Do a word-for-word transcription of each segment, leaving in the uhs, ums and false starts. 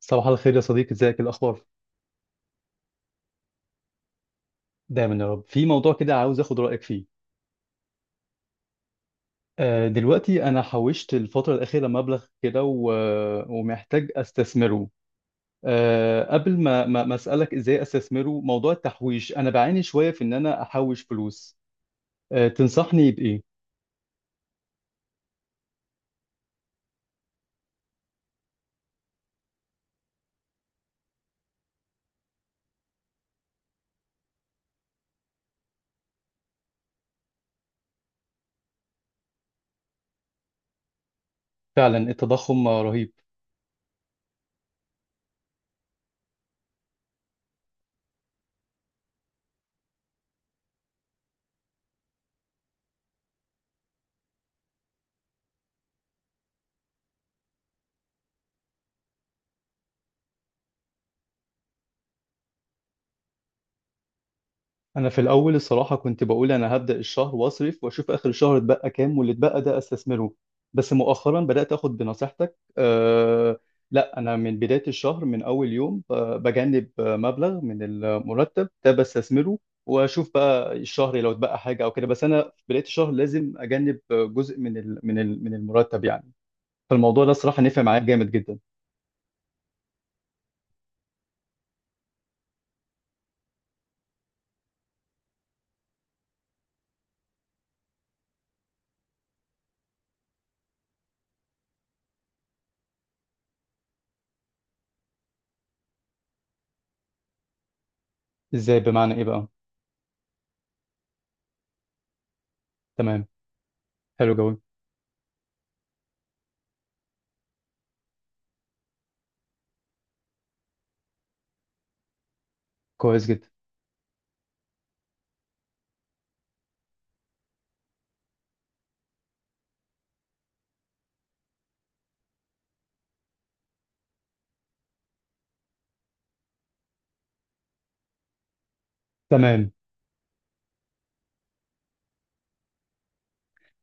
صباح الخير يا صديقي، ازيك؟ إيه الاخبار؟ دايما يا رب. في موضوع كده عاوز اخد رايك فيه. آه، دلوقتي انا حوشت الفتره الاخيره مبلغ كده و... ومحتاج استثمره. آه، قبل ما ما ما اسالك ازاي استثمره، موضوع التحويش انا بعاني شويه في ان انا احوش فلوس. آه، تنصحني بايه؟ فعلا التضخم رهيب. انا في الاول الصراحه كنت بقول انا هبدا الشهر واصرف واشوف اخر الشهر اتبقى كام واللي اتبقى ده استثمره. بس مؤخرا بدات اخد بنصيحتك أه. لا، انا من بدايه الشهر من اول يوم آه، بجنب آه، مبلغ من المرتب ده بستثمره. واشوف بقى الشهر لو اتبقى حاجه او كده. بس انا في بدايه الشهر لازم اجنب آه، جزء من ال من ال من المرتب يعني. فالموضوع ده صراحه نفع معايا جامد جدا. ازاي؟ بمعنى ايه بقى؟ تمام. حلو جوي. كويس جدا. تمام.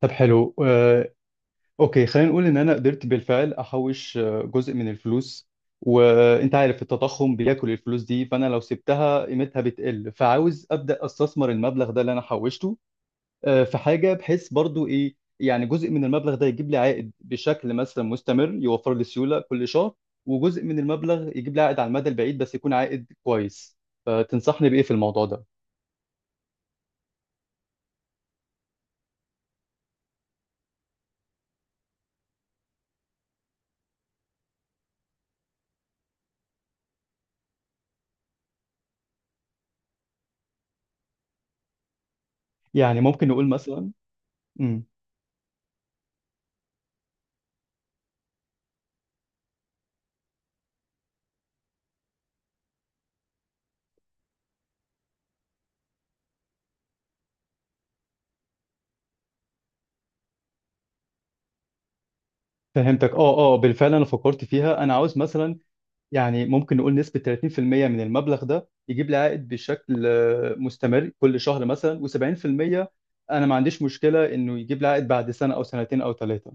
طب حلو. آه، اوكي، خلينا نقول ان انا قدرت بالفعل احوش آه، جزء من الفلوس. وانت عارف التضخم بياكل الفلوس دي، فانا لو سبتها قيمتها بتقل، فعاوز ابدا استثمر المبلغ ده اللي انا حوشته. آه، في حاجه بحيث برضو ايه، يعني جزء من المبلغ ده يجيب لي عائد بشكل مثلا مستمر يوفر لي سيوله كل شهر، وجزء من المبلغ يجيب لي عائد على المدى البعيد بس يكون عائد كويس. فتنصحني بايه في الموضوع ده؟ يعني ممكن نقول مثلا. امم. فهمتك. اه اه، بالفعل انا فكرت فيها. انا عاوز مثلا، يعني ممكن نقول نسبة ثلاثين في المية من المبلغ ده يجيب لي عائد بشكل آه، مستمر كل شهر مثلا، و70% أنا ما عنديش مشكلة إنه يجيب لي عائد بعد سنة أو سنتين أو ثلاثة.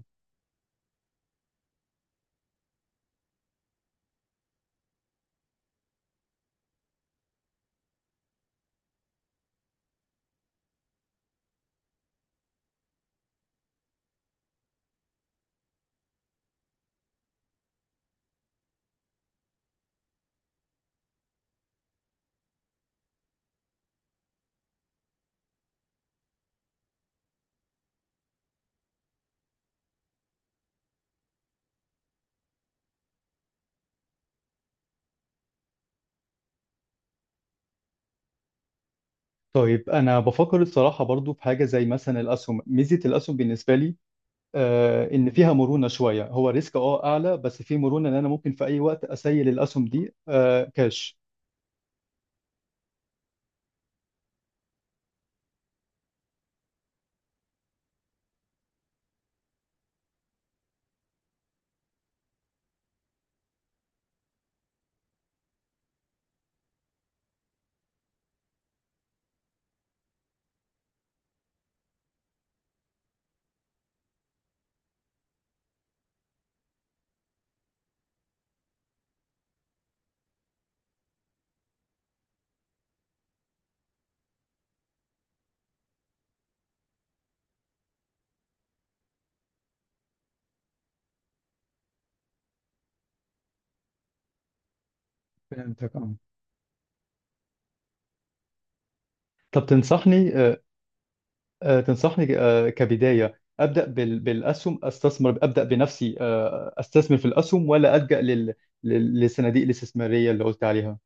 طيب، أنا بفكر الصراحة برضو في حاجة زي مثلا الأسهم. ميزة الأسهم بالنسبة لي آه، إن فيها مرونة شوية. هو ريسك أه أعلى بس في مرونة إن أنا ممكن في أي وقت أسيل الأسهم دي آه، كاش. فهمتك اه. طب تنصحني آه، آه، تنصحني آه، كبداية أبدأ بال- بالأسهم؟ أستثمر أبدأ بنفسي آه، أستثمر في الأسهم، ولا ألجأ لل- لل- للصناديق الاستثمارية اللي قلت عليها؟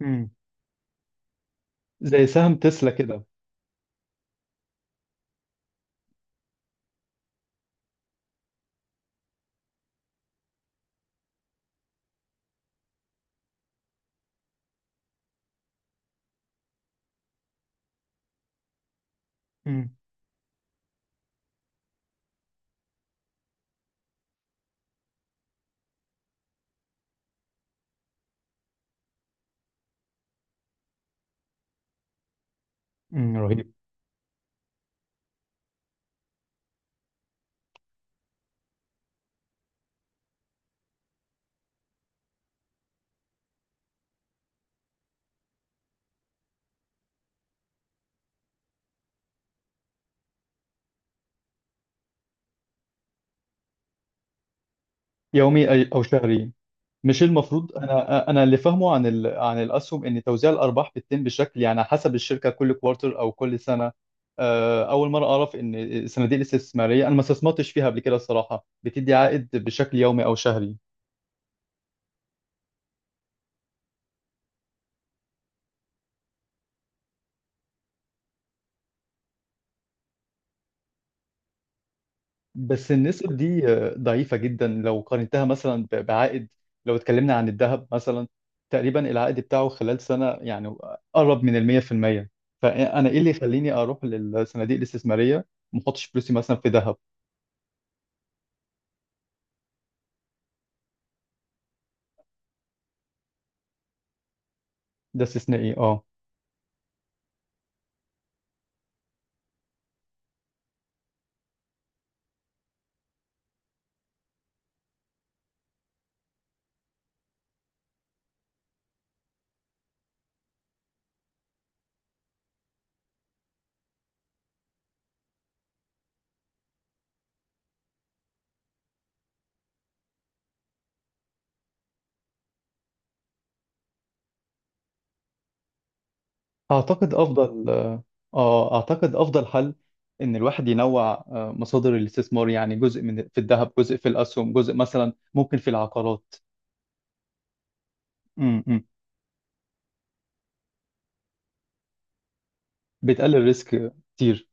امم. زي سهم تسلا كده. امم. امم رهيب. يومي أي- أو شهري؟ مش المفروض أنا أنا اللي فاهمه عن ال- عن الأسهم إن توزيع الأرباح بتتم بشكل يعني حسب الشركة كل كوارتر أو كل سنة؟ آه، أول مرة أعرف إن الصناديق الاستثمارية أنا ما استثمرتش فيها قبل كده الصراحة بتدي عائد بشكل يومي أو شهري. بس النسب دي آه، ضعيفة جدا لو قارنتها مثلا ب- بعائد. لو اتكلمنا عن الذهب مثلا، تقريبا العائد بتاعه خلال سنة يعني قرب من المية في المية. فأنا إيه اللي يخليني أروح للصناديق الاستثمارية ومحطش فلوسي مثلا في ذهب؟ ده استثنائي أه. أعتقد أفضل. أه، أعتقد أفضل حل إن الواحد ينوع آه، مصادر الاستثمار، يعني جزء من في الذهب، جزء في الأسهم، جزء مثلا ممكن في العقارات. م- م. بتقلل الريسك كتير.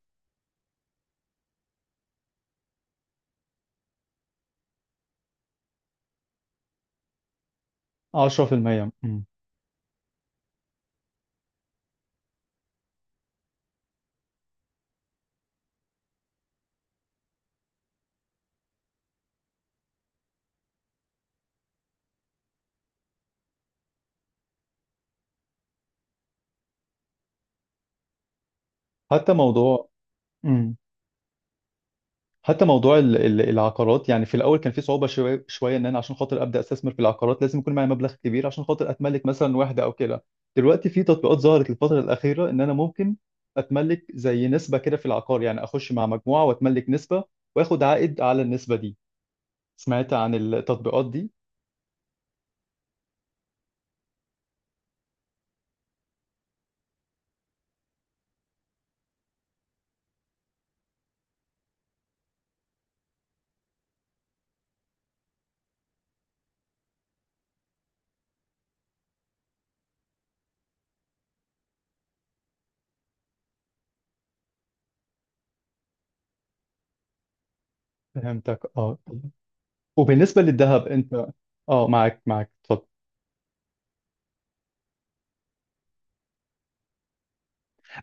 عشرة في المية. حتى موضوع. امم. حتى موضوع ال- ال- العقارات، يعني في الاول كان في صعوبه شويه شويه ان انا عشان خاطر ابدا استثمر في العقارات لازم يكون معايا مبلغ كبير عشان خاطر اتملك مثلا واحده او كده. دلوقتي في تطبيقات ظهرت الفتره الاخيره ان انا ممكن اتملك زي نسبه كده في العقار، يعني اخش مع مجموعه واتملك نسبه واخد عائد على النسبه دي. سمعت عن التطبيقات دي؟ فهمتك اه. وبالنسبه للذهب انت. اه معاك معاك اتفضل.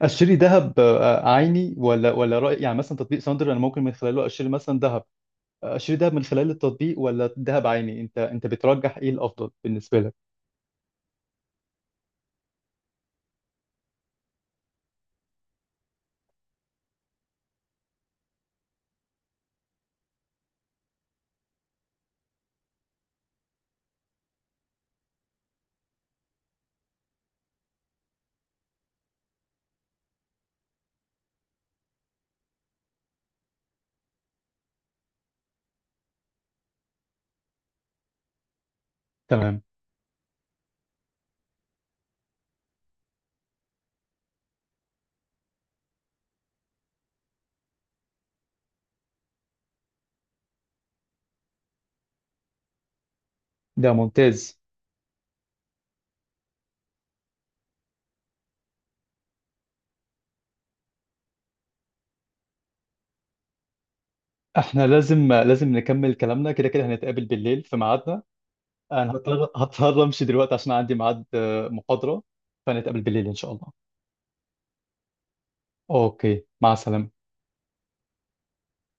اشتري ذهب آه، عيني ولا ولا رأي، يعني مثلا تطبيق ساندر انا ممكن من خلاله اشتري مثلا ذهب. اشتري دهب من خلال التطبيق ولا دهب عيني، انت انت بترجح ايه الافضل بالنسبه لك؟ تمام. ده ممتاز. احنا لازم لازم نكمل كلامنا، كده كده هنتقابل بالليل في ميعادنا. انا هضطر هضطر امشي دلوقتي عشان عندي ميعاد آه، محاضره. فنتقابل بالليل ان شاء الله. اوكي، مع السلامه.